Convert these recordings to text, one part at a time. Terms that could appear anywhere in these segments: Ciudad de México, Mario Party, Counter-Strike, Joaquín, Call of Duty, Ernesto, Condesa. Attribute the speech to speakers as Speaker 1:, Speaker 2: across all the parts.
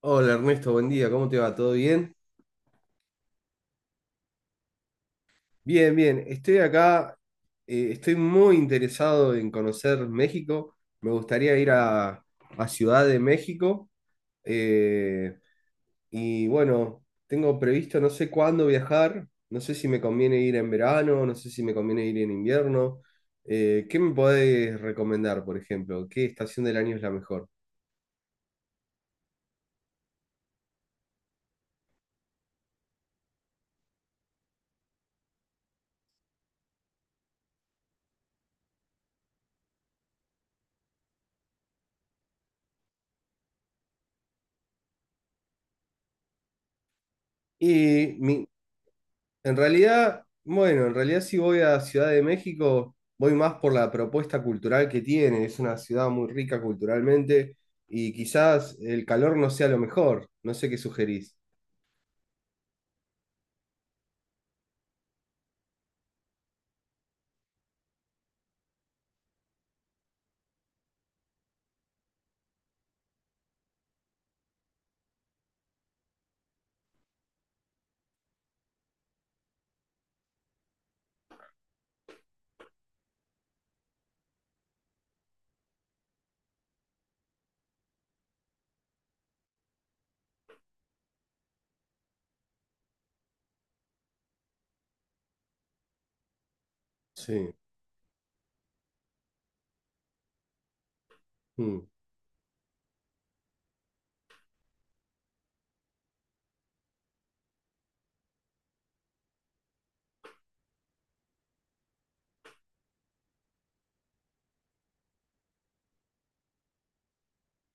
Speaker 1: Hola Ernesto, buen día, ¿cómo te va? ¿Todo bien? Bien, bien, estoy acá, estoy muy interesado en conocer México, me gustaría ir a Ciudad de México eh, y bueno, tengo previsto no sé cuándo viajar, no sé si me conviene ir en verano, no sé si me conviene ir en invierno, ¿qué me podés recomendar, por ejemplo? ¿Qué estación del año es la mejor? Y mi, En realidad, bueno, en realidad si voy a Ciudad de México, voy más por la propuesta cultural que tiene. Es una ciudad muy rica culturalmente y quizás el calor no sea lo mejor. No sé qué sugerís. Sí. Mm.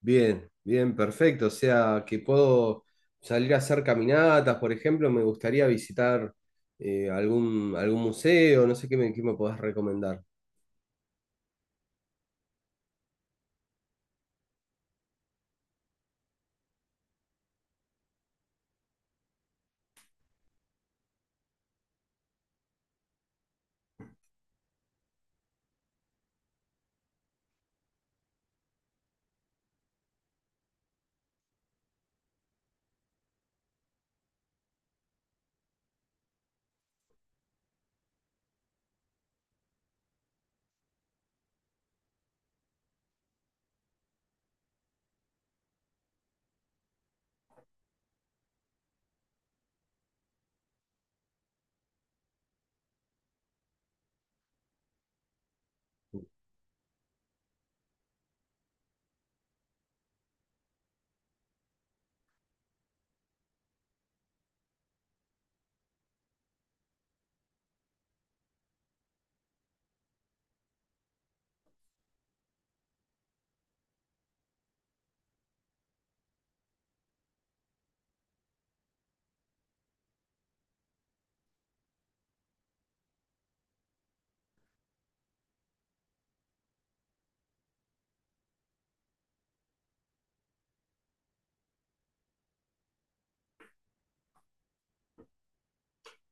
Speaker 1: Bien, bien, perfecto. O sea, que puedo salir a hacer caminatas, por ejemplo, me gustaría visitar algún museo, no sé qué qué me podés recomendar.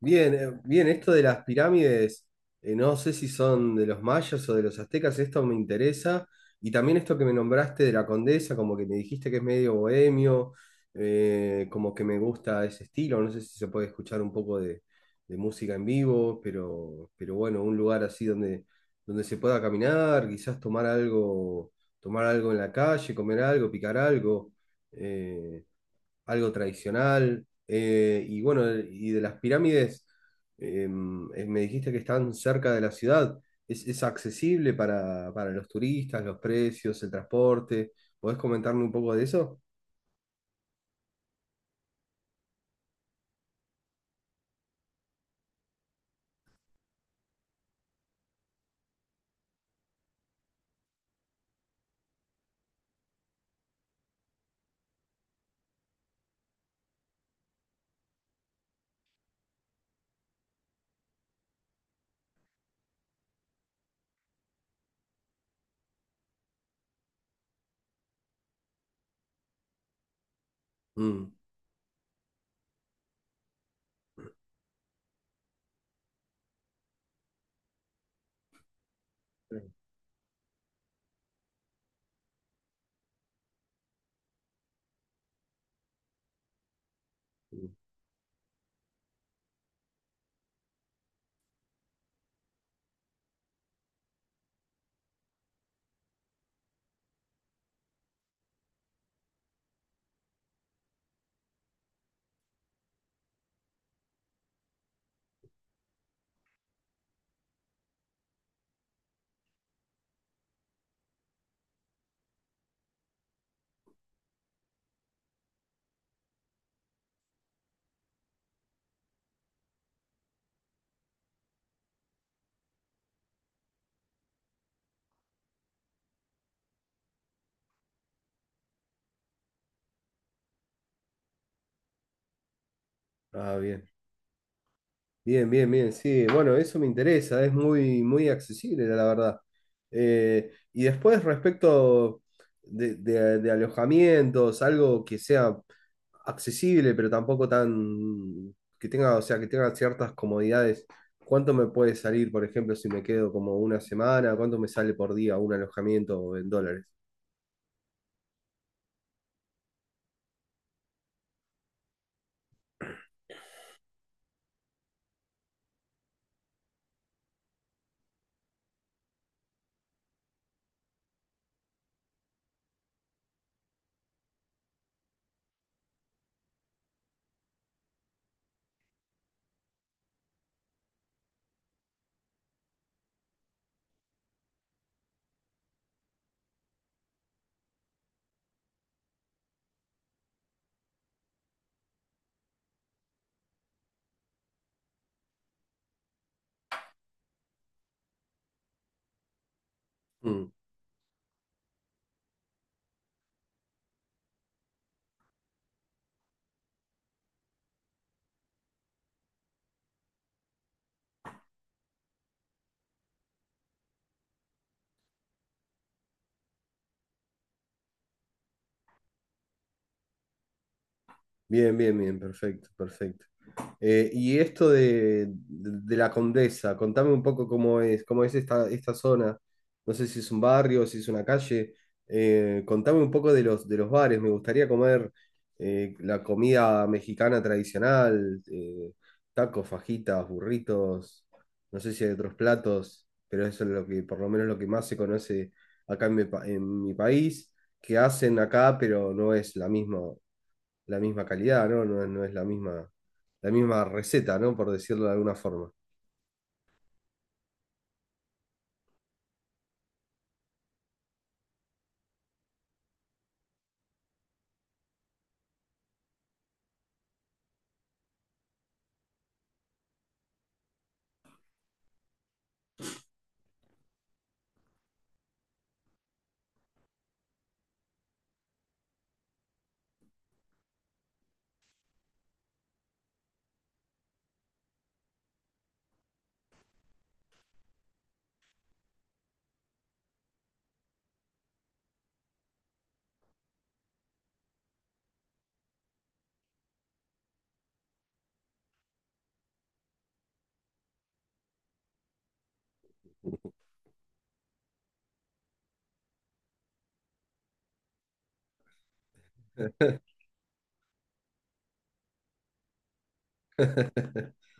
Speaker 1: Bien, bien, esto de las pirámides, no sé si son de los mayas o de los aztecas, esto me interesa. Y también esto que me nombraste de la Condesa, como que me dijiste que es medio bohemio, como que me gusta ese estilo, no sé si se puede escuchar un poco de música en vivo, pero bueno, un lugar así donde se pueda caminar, quizás tomar algo en la calle, comer algo, picar algo. eh, Algo tradicional. Y bueno, y de las pirámides, me dijiste que están cerca de la ciudad. Es accesible para los turistas, los precios, el transporte? ¿Podés comentarme un poco de eso? Mm. Sí. Ah, bien. Bien, bien, bien, sí, bueno, eso me interesa, es muy, muy accesible, la verdad. Y después respecto de alojamientos, algo que sea accesible, pero tampoco tan, que tenga, o sea, que tenga ciertas comodidades. ¿Cuánto me puede salir, por ejemplo, si me quedo como una semana? ¿Cuánto me sale por día un alojamiento en dólares? Mm. Bien, bien, bien, perfecto, perfecto. Y esto de la Condesa, contame un poco cómo es esta, esta zona. No sé si es un barrio, si es una calle. Contame un poco de los bares. Me gustaría comer la comida mexicana tradicional, tacos, fajitas, burritos. No sé si hay otros platos, pero eso es lo que, por lo menos lo que más se conoce acá en en mi país, que hacen acá, pero no es la misma calidad, ¿no? No, no es la misma receta, ¿no? Por decirlo de alguna forma.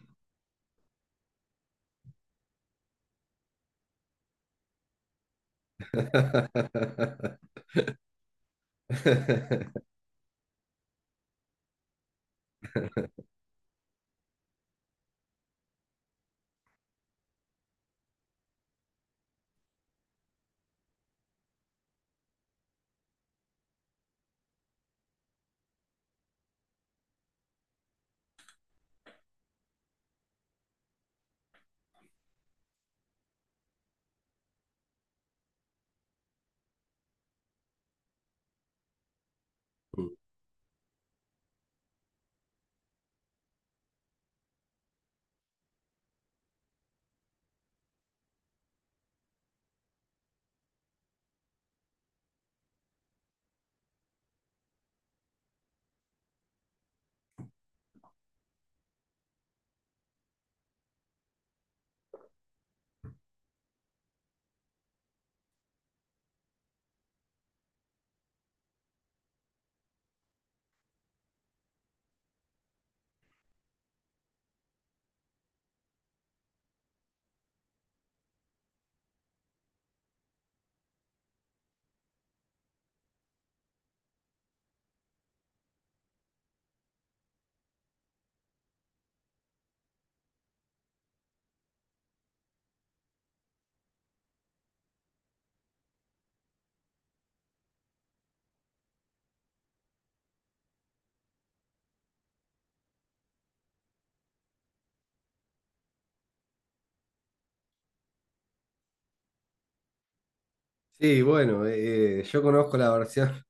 Speaker 1: Sí, bueno, yo conozco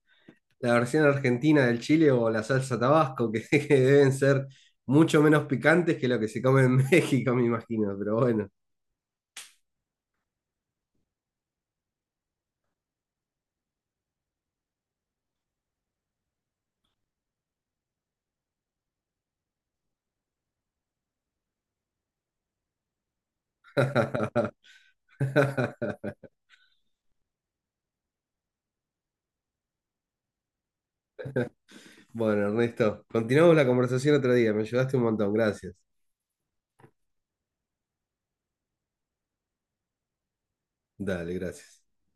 Speaker 1: la versión argentina del chile o la salsa Tabasco, que, que deben ser mucho menos picantes que lo que se come en México, me imagino, pero bueno. Bueno, Ernesto, continuamos la conversación otro día, me ayudaste un montón, gracias. Dale, gracias.